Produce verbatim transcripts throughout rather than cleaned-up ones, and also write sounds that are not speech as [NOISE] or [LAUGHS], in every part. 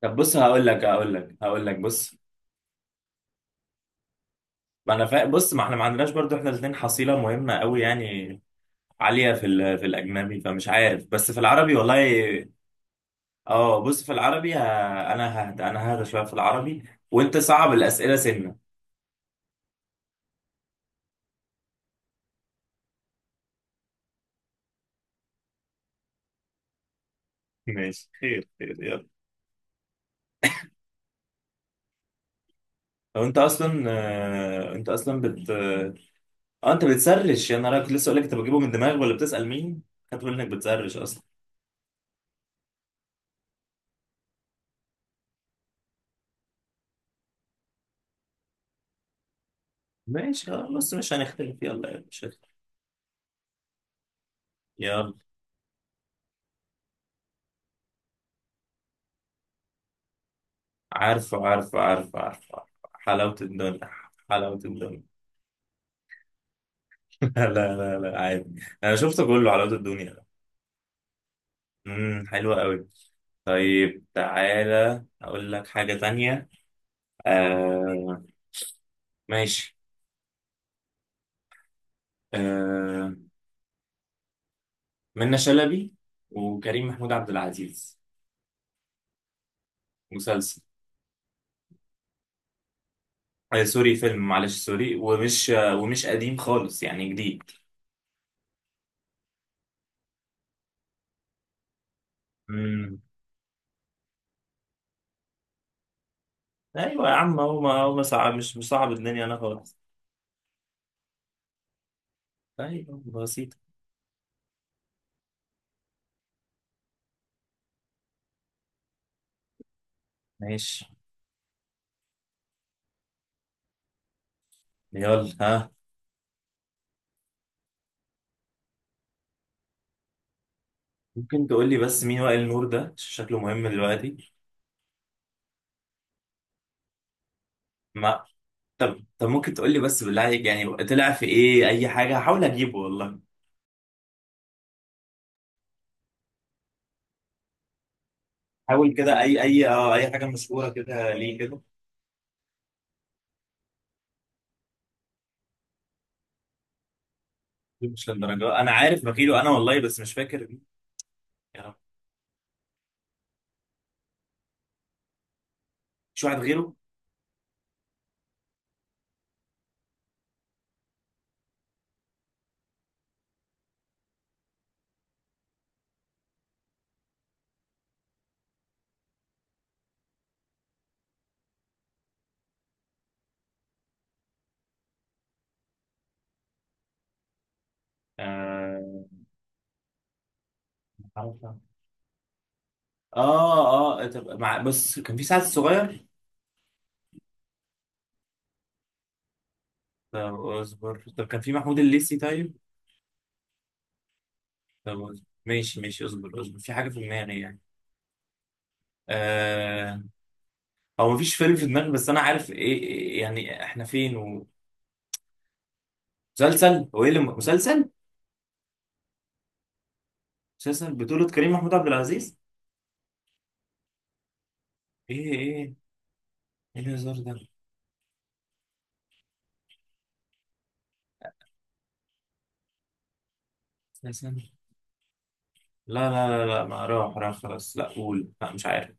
طب بص هقول لك هقول لك هقول لك بص ما انا فا... بص ما احنا ما عندناش برضو احنا الاثنين حصيله مهمه قوي يعني عاليه في ال... في الاجنبي فمش عارف بس في العربي والله. اه بص في العربي ه... انا ههدى انا ههدى شويه في العربي، وانت صعب الاسئله سنه. ماشي، خير خير يلا. لو انت اصلا آه، انت اصلا بت اه انت بتسرش، يا نهار أبيض، كنت لسه اقول لك انت بتجيبه من دماغك ولا بتسال مين؟ خدت بالك انك بتسرش اصلا. ماشي خلاص، مش هنختلف يلا يا باشا. يلا. عارفه عارفه عارفه عارفه عارفه. حلاوة الدنيا. حلاوة الدنيا. [LAUGHS] لا لا لا، عادي، أنا شفته كله، حلاوة الدنيا. امم حلوة قوي. طيب تعالى أقول لك حاجة تانية. آه. ماشي. آه. منة شلبي وكريم محمود عبد العزيز. مسلسل؟ آه سوري، فيلم، معلش سوري، ومش آه ومش قديم خالص يعني، جديد. امم أيوة يا عم، هو ما هو ما صعب، مش مش صعب الدنيا أنا خالص. أيوة بسيطة. ماشي يلا، ها. ممكن تقول لي بس مين وائل نور ده؟ ش- شكله مهم دلوقتي. ما طب طب ممكن تقول لي بس بالله عليك يعني طلع في ايه، اي حاجه هحاول اجيبه والله. حاول كده، اي اي اه اي حاجه مشهوره كده، ليه كده. مش للدرجه، انا عارف بخيله انا والله، بس مش فاكر مين. يا رب. مش واحد غيره؟ اه عارفة. اه آه، طب مع بس، كان في سعد الصغير. طب اصبر، طب كان في محمود الليثي طيب. طب اصبر. ماشي ماشي، اصبر اصبر، في حاجه في دماغي يعني. آه، هو مفيش فيلم في دماغي، بس انا عارف ايه، إيه- يعني احنا فين. ومسلسل، هو ايه اللي مسلسل؟ مسلسل بطولة كريم محمود عبد العزيز. ايه ايه ايه، إيه الهزار ده؟ مسلسل؟ لا لا لا لا، ما راح راح خلاص، لا قول، لا مش عارف.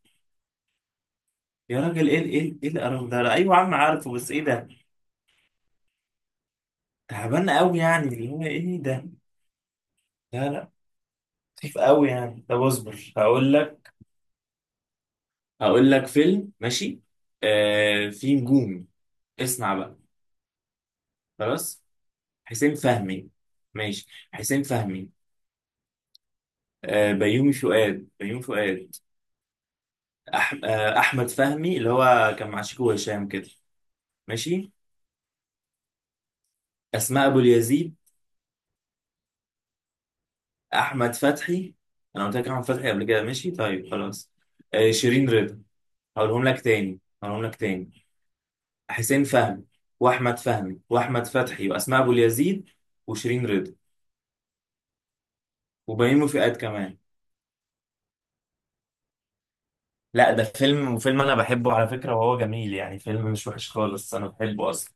يا راجل ايه ال- ايه ال- ايه القرف ده؟ لا، ايوه يا عم عارفه، بس ايه ده؟ تعبان قوي يعني، اللي هو ايه ده. لا لا، خفيف قوي يعني. طب اصبر هقول لك. هقول لك فيلم ماشي. آه، في نجوم. اسمع بقى. خلاص. حسين فهمي. ماشي. حسين فهمي. آه، بيومي فؤاد بيومي فؤاد. أح... آه، احمد فهمي، اللي هو كان مع شيكو وهشام كده. ماشي. اسماء ابو اليزيد. احمد فتحي. انا قلت لك احمد فتحي قبل كده، ماشي طيب خلاص. آه، شيرين رضا. هقولهم لك تاني هقولهم لك تاني. حسين فهمي، واحمد فهمي، واحمد فتحي، واسماء ابو اليزيد، وشيرين رضا، وبيومي فؤاد كمان. لا، ده فيلم، وفيلم انا بحبه على فكرة، وهو جميل يعني، فيلم مش وحش خالص، انا بحبه اصلا.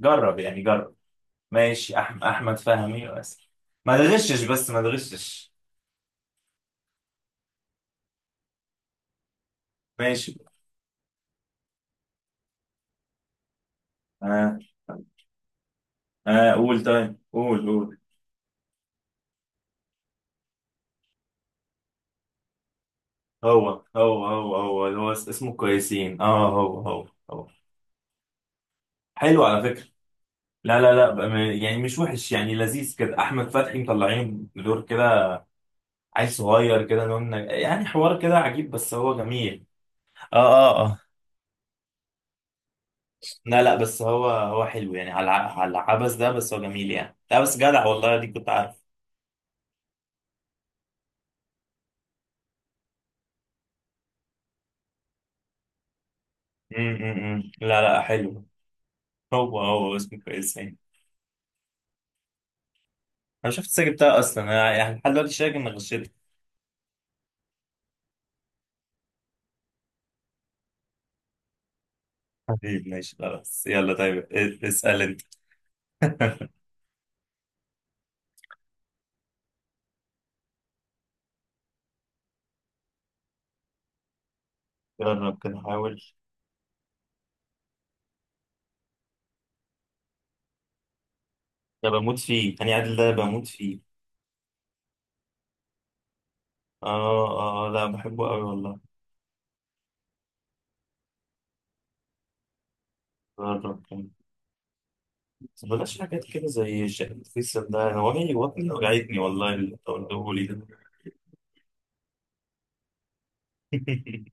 جرب يعني، جرب. ماشي أحمد أحمد فهمي، وأسر. ما تغشش، بس ما تغشش. ماشي. آه آه قول، طيب قول قول. هو هو هو هو اللي هو اس- اسمه كويسين، اه هو هو هو. حلو على فكرة. لا لا لا بقى- يعني مش وحش يعني، لذيذ كده، أحمد فتحي مطلعين بدور كده عيل صغير كده، نون، يعني حوار كده عجيب، بس هو جميل. اه اه اه. لا لا، بس هو هو حلو يعني، على على العبث ده، بس هو جميل يعني، لا بس جدع والله، دي كنت عارف. امم لا لا حلو. هو هو اسمه كويس يعني. انا شفت الساجة بتاعه اصلا، انا يعني لحد دلوقتي شايف اني غشيت. حبيبي ماشي خلاص يلا، طيب إيه- اسال انت. [LAUGHS] جرب كده، حاول. ده بموت فيه هاني عادل، ده بموت فيه. اه اه، لا بحبه قوي والله. جرب كده. بس بلاش حاجات كده، زي الشقة الفيصل ده، هو هي وطني وجعتني والله اللي تقوله لي ده. [LAUGHS]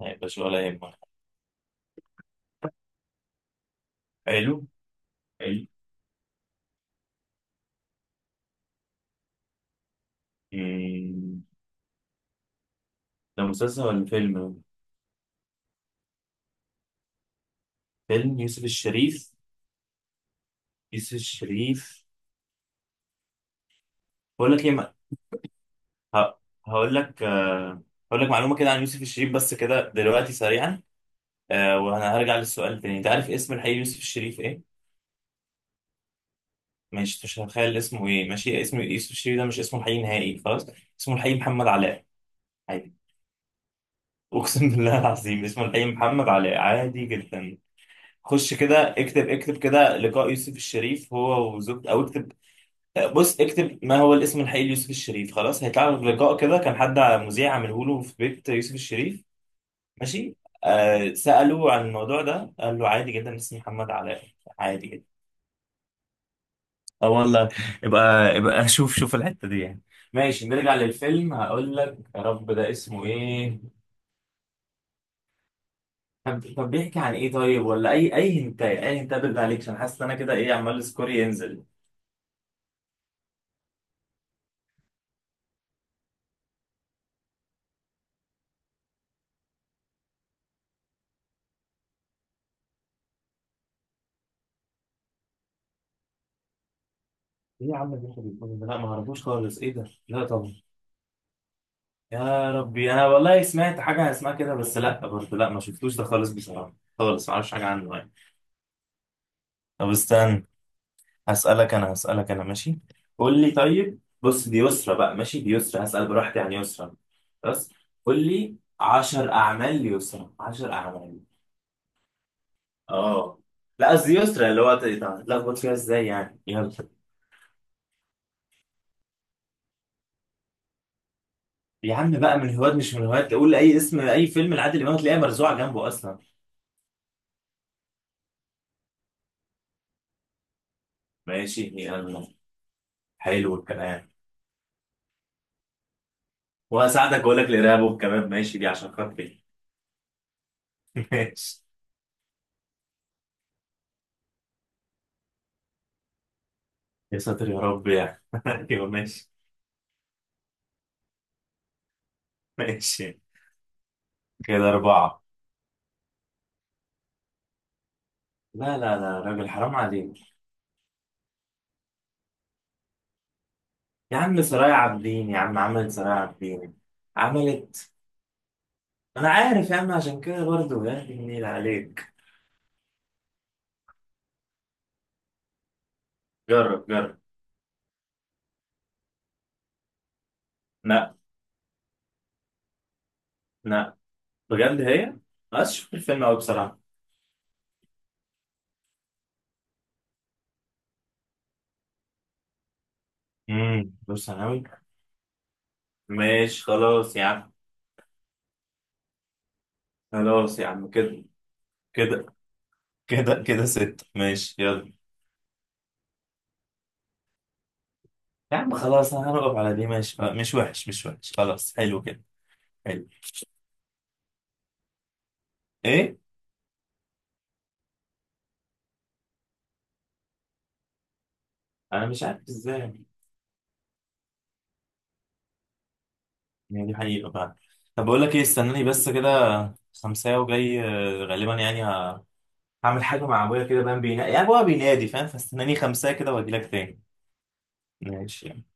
هيبقى شغل يهمك. حلو. حلو. أمم، ده مسلسل ولا فيلم؟ فيلم. يوسف الشريف. يوسف الشريف. بقول لك ايه، ه- هقول لك، آه، هقول لك معلومة كده عن يوسف الشريف بس كده دلوقتي، سريعا. آه، وأنا هرجع للسؤال تاني. أنت عارف اسم الحقيقي يوسف الشريف إيه؟ مش مش هتخيل اسمه إيه، ماشي. اسم يوسف الشريف ده مش اسمه الحقيقي نهائي، خلاص. اسمه الحقيقي محمد علاء، عادي. أقسم بالله العظيم، اسمه الحقيقي محمد علاء، عادي جدا. خش كده، اكتب اكتب كده لقاء يوسف الشريف هو وزوجته، أو اكتب آه، بص، اكتب ما هو الاسم الحقيقي ليوسف الشريف، خلاص هيطلع لك لقاء كده، كان حد مذيع عامله له في بيت يوسف الشريف. ماشي. آه سألوه عن الموضوع ده، قال له عادي جدا اسمي محمد علاء، عادي جدا. اه والله. يبقى يبقى [LAUGHS] شوف شوف الحتة دي يعني. ماشي، نرجع للفيلم هقول لك، يا رب ده اسمه ايه. طب طب بيحكي عن ايه طيب، ولا اي اي هنتاي، اي هنتاي بالله عليك، عشان حاسس ان انا كده ايه، عمال سكوري ينزل. ايه يا عم اللي انت بتقوله ده، لا ما اعرفوش خالص، ايه ده، لا طبعا. يا ربي، انا والله سمعت حاجة اسمها كده، بس لا برضه لا، ما شفتوش ده خالص بصراحة، خالص ما اعرفش حاجة عنه يعني. طب استنى، هسألك أنا هسألك أنا، ماشي. قول لي طيب، بص دي يسرى بقى، ماشي، دي يسرى هسأل براحتي عن يسرى بس. قول لي 10 أعمال ليسرى، 10 أعمال. آه لا قصدي يسرى، اللي هو تلخبط فيها إزاي يعني، يلا. يا عم بقى، من هواة مش من هواة، قول أي اسم، أي فيلم لعادل إمام هتلاقيها مرزوعة جنبه أصلا. ماشي يلا. حلو الكلام. وهساعدك، أقول لك الإرهاب والكباب، ماشي دي عشان خاطري. [LAUGHS] ماشي. يا ساتر يا رب يعني، [LAUGHS] أيوه ماشي. ماشي، كده أربعة. لا لا لا، راجل حرام عليك. يا عم سرايا عابدين، يا عم عملت سرايا عابدين. عملت. انا عارف يا عم، عشان كده برضه يا أخي النيل عليك. جرب جرب. لا لا، بجد هي. بس شوف الفيلم قوي بصراحة. امم بص ثانوي. ماشي خلاص يا عم. خلاص يا عم، كده كده، كده كده ست، ماشي يلا. يا عم خلاص، انا هنقف على دي، ماشي، آه، مش وحش مش وحش، خلاص حلو كده. حلو. ايه. انا مش عارف ازاي. يعني دي حقيقة بقى. طب بقول لك ايه، استناني بس كده خمسة، وجاي آه، غالبا يعني، ه- هعمل حاجة مع أبويا كده، بقى بينا... يعني أبويا بينادي فاهم، فاستناني خمسة كده وأجيلك تاني. ماشي يعني.